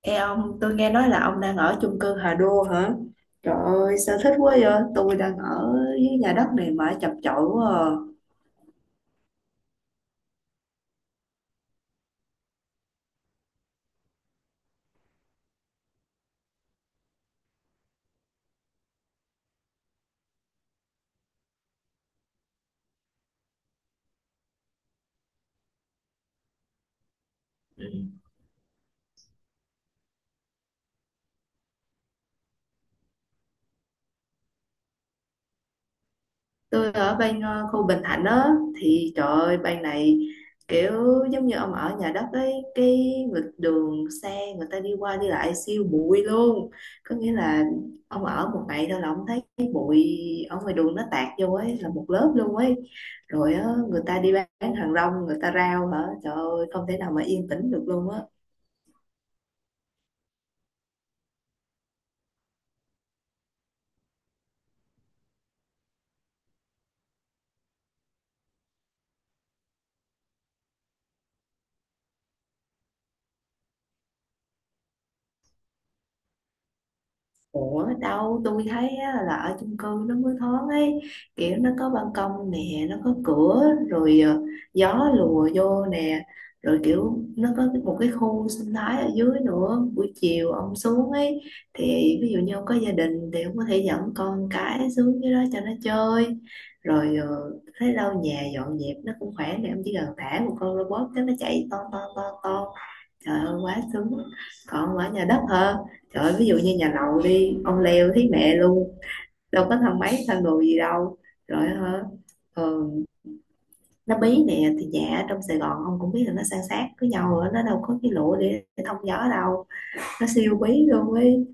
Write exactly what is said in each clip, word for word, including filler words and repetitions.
Ê ông, tôi nghe nói là ông đang ở chung cư Hà Đô hả? Trời ơi, sao thích quá vậy? Tôi đang ở dưới nhà đất này mà chập chội quá à. Ừ. Tôi ở bên ờ, khu Bình Thạnh á, thì trời ơi bên này kiểu giống như ông ở nhà đất ấy, cái vực đường xe người ta đi qua đi lại siêu bụi luôn, có nghĩa là ông ở một ngày thôi là ông thấy cái bụi ở ngoài đường nó tạt vô ấy là một lớp luôn ấy. Rồi á, người ta đi bán hàng rong người ta rao, hả trời ơi, không thể nào mà yên tĩnh được luôn á. Ủa đâu tôi thấy á, là ở chung cư nó mới thoáng ấy, kiểu nó có ban công nè, nó có cửa rồi, ờ, gió lùa vô nè, rồi kiểu nó có cái- một cái khu sinh thái ở dưới nữa, buổi chiều ông xuống ấy thì, ví dụ như ông có gia đình thì ông có thể dẫn con cái xuống dưới đó cho nó chơi. Rồi ờ, thấy đâu nhà dọn dẹp nó cũng khỏe nè, ông chỉ cần thả một con robot cái nó chạy ton ton ton ton. Trời ơi quá sướng. Còn ở nhà đất hả? Trời ơi, ví dụ như nhà lầu đi, ông leo thấy mẹ luôn, đâu có thang máy thang đồ gì đâu. Rồi hả? ờ, Nó bí nè. Thì nhà ở trong Sài Gòn ông cũng biết là nó san sát với nhau rồi, nó đâu có cái lụa để, để thông gió đâu. Nó siêu bí luôn ấy.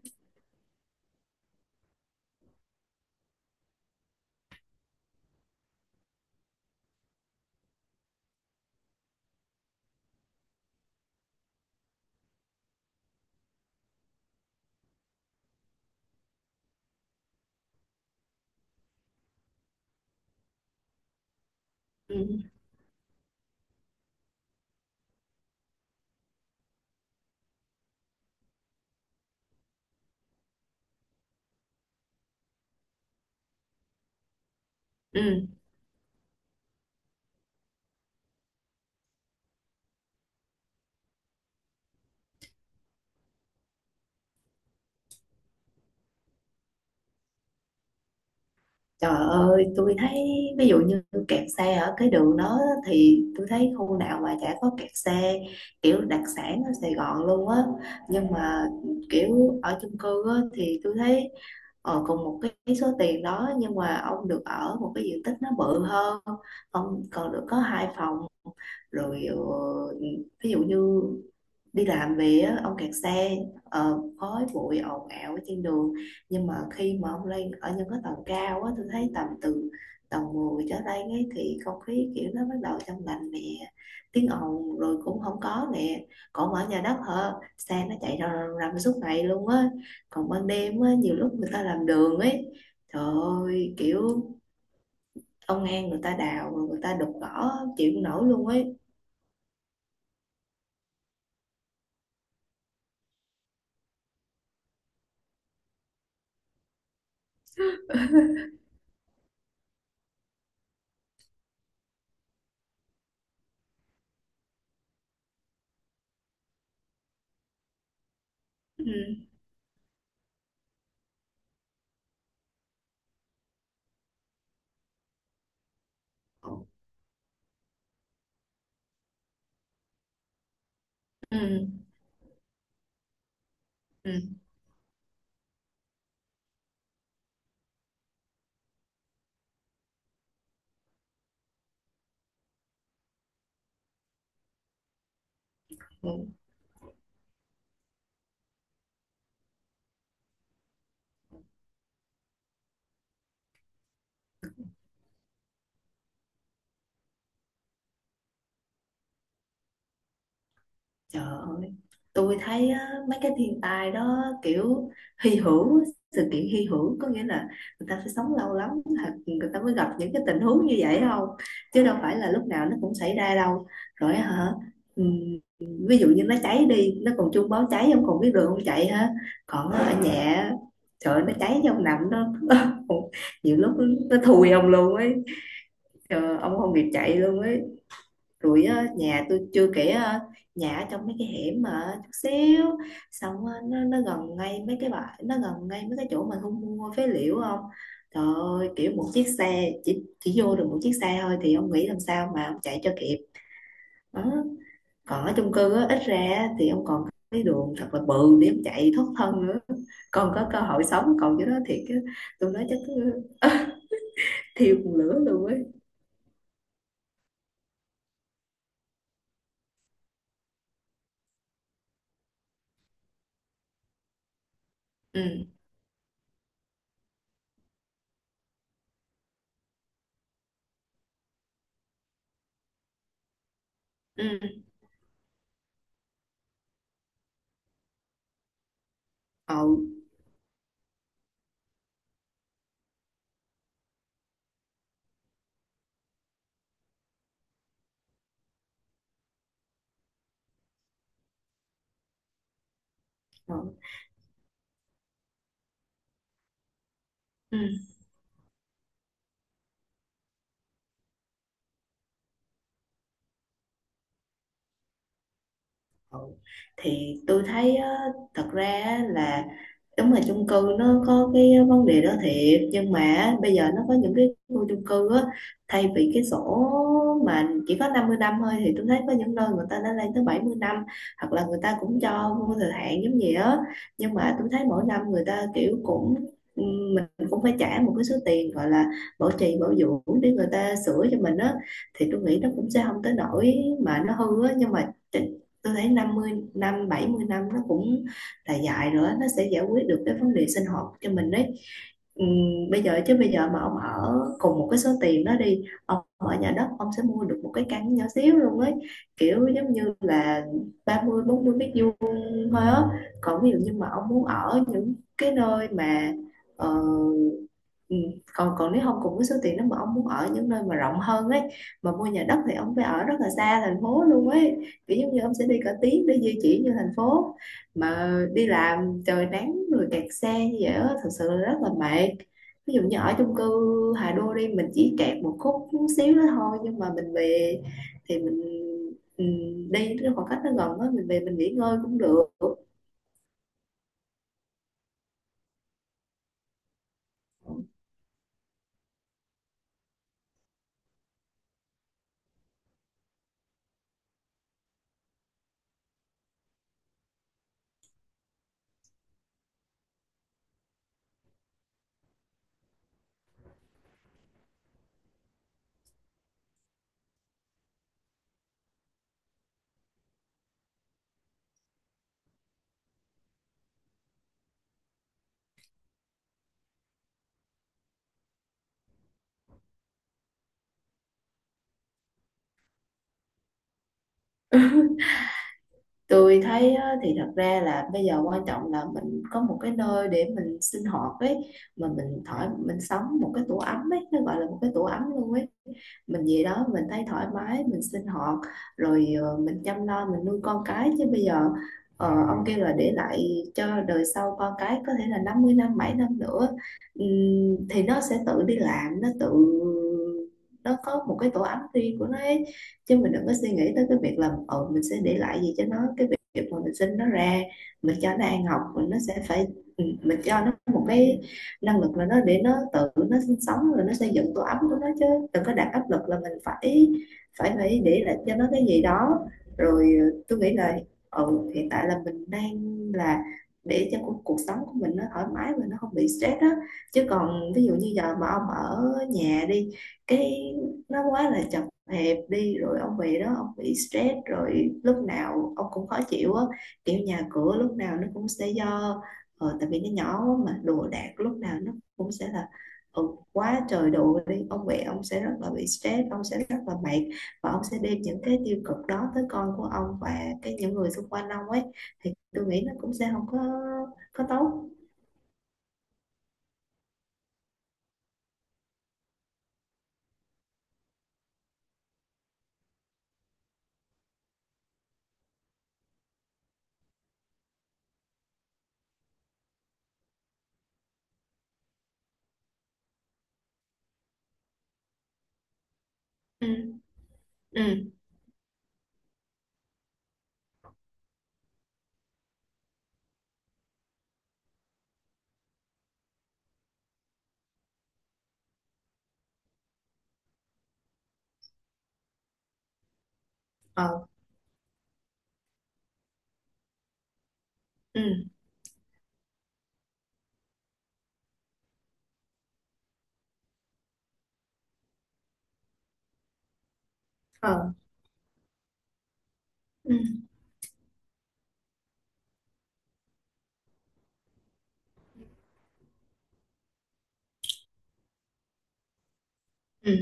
Ừ. Ừ. Trời ơi, tôi thấy, ví dụ như kẹt xe ở cái đường đó, thì tôi thấy khu nào mà chả có kẹt xe, kiểu đặc sản ở Sài Gòn luôn á. Nhưng mà kiểu ở chung cư á, thì tôi thấy ờ, cùng một cái số tiền đó nhưng mà ông được ở một cái diện tích nó bự hơn, ông còn được có hai phòng. Rồi ờ, ví dụ như đi làm về á, ông kẹt xe, ờ, khói bụi ồn ào ở trên đường, nhưng mà khi mà ông lên ở những cái tầng cao á, tôi thấy tầm từ tầng mười trở lên ấy thì không khí kiểu nó bắt đầu trong lành nè, tiếng ồn rồi cũng không có nè. Còn ở nhà đất hả, xe nó chạy rầm rầm rầm suốt ngày luôn á. Còn ban đêm á, nhiều lúc người ta làm đường ấy, trời ơi kiểu ông An người ta đào rồi người ta đục gõ, chịu không nổi luôn ấy. Ừ. Ừ. Ừ. Trời ơi, tôi thấy á, mấy cái thiên tai đó kiểu hy hữu, sự kiện hy hữu, có nghĩa là người ta phải sống lâu lắm thật người ta mới gặp những cái tình huống như vậy không? Chứ đâu phải là lúc nào nó cũng xảy ra đâu. Rồi hả? ừm, Ví dụ như nó cháy đi, nó còn chuông báo cháy không còn biết đường không chạy hả? Còn ở nhà, trời ơi, nó cháy trong nằm đó. Nhiều lúc nó thùi ông luôn ấy, trời ơi, ông không kịp chạy luôn ấy. Rồi ờ, nhà tôi chưa kể, ờ, nhà ở trong mấy cái hẻm mà chút xíu, xong ờ, nó, nó gần ngay mấy cái bãi, nó gần ngay mấy cái chỗ mình thu mua phế liệu không, trời ơi kiểu một chiếc xe chỉ chỉ vô được một chiếc xe thôi, thì ông nghĩ làm sao mà ông chạy cho kịp. Đó, còn ở chung cư á, ít ra á, thì ông còn cái đường thật là bự để ông chạy thoát thân nữa, còn có cơ hội sống. Còn cái đó thiệt á, tôi nói chắc thiêu cùng lửa luôn ấy. Ừ. Ừ. Ừ. Ừ. Ừ. Thì tôi thấy á, thật ra á là đúng là chung cư nó có cái vấn đề đó thiệt, nhưng mà á, bây giờ nó có những cái khu chung cư á, thay vì cái sổ mà chỉ có năm mươi năm thôi, thì tôi thấy có những nơi người ta đã lên tới bảy mươi năm, hoặc là người ta cũng cho vô thời hạn giống gì á. Nhưng mà tôi thấy mỗi năm người ta kiểu cũng, ừm, mình cũng phải trả một cái số tiền gọi là bảo trì bảo dưỡng để người ta sửa cho mình á, thì tôi nghĩ nó cũng sẽ không tới nỗi mà nó hư á. Nhưng mà tôi thấy năm mươi năm bảy mươi năm nó cũng là dài nữa, nó sẽ giải quyết được cái vấn đề sinh hoạt cho mình đấy. Ừm, bây giờ chứ bây giờ mà ông ở cùng một cái số tiền đó đi, ông ở nhà đất ông sẽ mua được một cái căn nhỏ xíu luôn ấy, kiểu giống như là ba mươi bốn mươi mét vuông thôi á. Còn ví dụ như mà ông muốn ở những cái nơi mà ờ, Ừ. Còn còn nếu không cùng cái số tiền đó mà ông muốn ở những nơi mà rộng hơn ấy, mà mua nhà đất thì ông phải ở rất là xa thành phố luôn ấy, kiểu giống như ông sẽ đi cả tiếng để di chuyển như thành phố, mà đi làm trời nắng rồi kẹt xe như vậy đó, thật sự là rất là mệt. Ví dụ như ở chung cư Hà Đô đi, mình chỉ kẹt một khúc chút xíu đó thôi, nhưng mà mình về thì mình, ừ, đi nó khoảng cách nó gần đó, mình về mình nghỉ ngơi cũng được. Tôi thấy á, thì thật ra là bây giờ quan trọng là mình có một cái nơi để mình sinh hoạt ấy, mà mình thoải mình sống một cái tổ ấm ấy, nó gọi là một cái tổ ấm luôn ấy. Mình về đó mình thấy thoải mái mình sinh hoạt. Rồi ờ, mình chăm lo mình nuôi con cái, chứ bây giờ ờ, ông kêu là để lại cho đời sau con cái có thể là năm mươi năm bảy năm nữa. Ừm, thì nó sẽ tự đi làm, nó tự nó có một cái tổ ấm riêng của nó ấy. Chứ mình đừng có suy nghĩ tới cái việc là ờ mình sẽ để lại gì cho nó, cái việc mà mình sinh nó ra, mình cho nó ăn học mình nó sẽ phải, ừ, mình cho nó một cái năng lực là nó để nó tự nó sinh sống rồi nó xây dựng tổ ấm của nó, chứ đừng có đặt áp lực là mình phải phải phải để lại cho nó cái gì đó. Rồi ờ, tôi nghĩ là, ừ, hiện tại là mình đang là, để cho cuộc, cuộc sống của mình nó thoải mái và nó không bị stress á. Chứ còn ví dụ như giờ mà ông ở nhà đi, cái nó quá là chật hẹp đi, rồi ông về đó ông bị stress rồi lúc nào ông cũng khó chịu á, kiểu nhà cửa lúc nào nó cũng sẽ do ờ, tại vì nó nhỏ mà đồ đạc lúc nào nó cũng sẽ là, ừ, quá trời đồ đi ông mẹ ông sẽ rất là bị stress, ông sẽ rất là mệt, và ông sẽ đem những cái tiêu cực đó tới con của ông và cái những người xung quanh ông ấy, thì tôi nghĩ nó cũng sẽ không có có tốt. Ừ. Ừ. Ờ. Ừ. Ờ. Ừ. Ừ.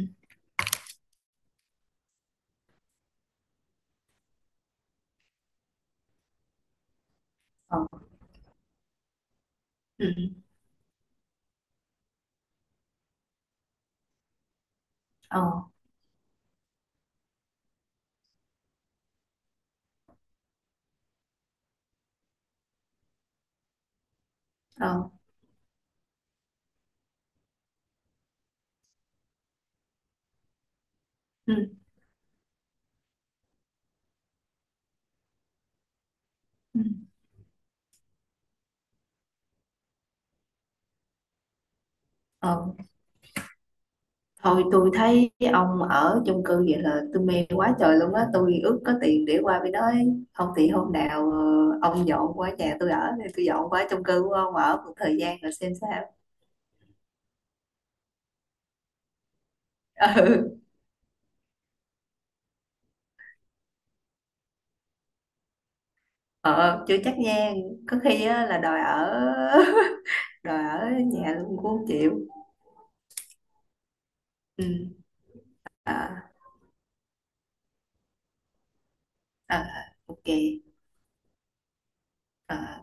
Ờ. Ừ. Ờ. Ờ. Ừ. Ừ, ờ. Thôi tôi thấy ông ở chung cư vậy là tôi mê quá trời luôn á. Tôi ước có tiền để qua bên đó ấy. Không thì hôm nào ờ, ông dọn qua nhà tôi ở, thì tôi dọn qua chung cư của ông ở một thời gian rồi xem sao. Ừ, ờ, chưa chắc nha. Có khi á, là đòi ở đòi ở nhà luôn cũng không chịu. Ừ. À. À. Ok. À.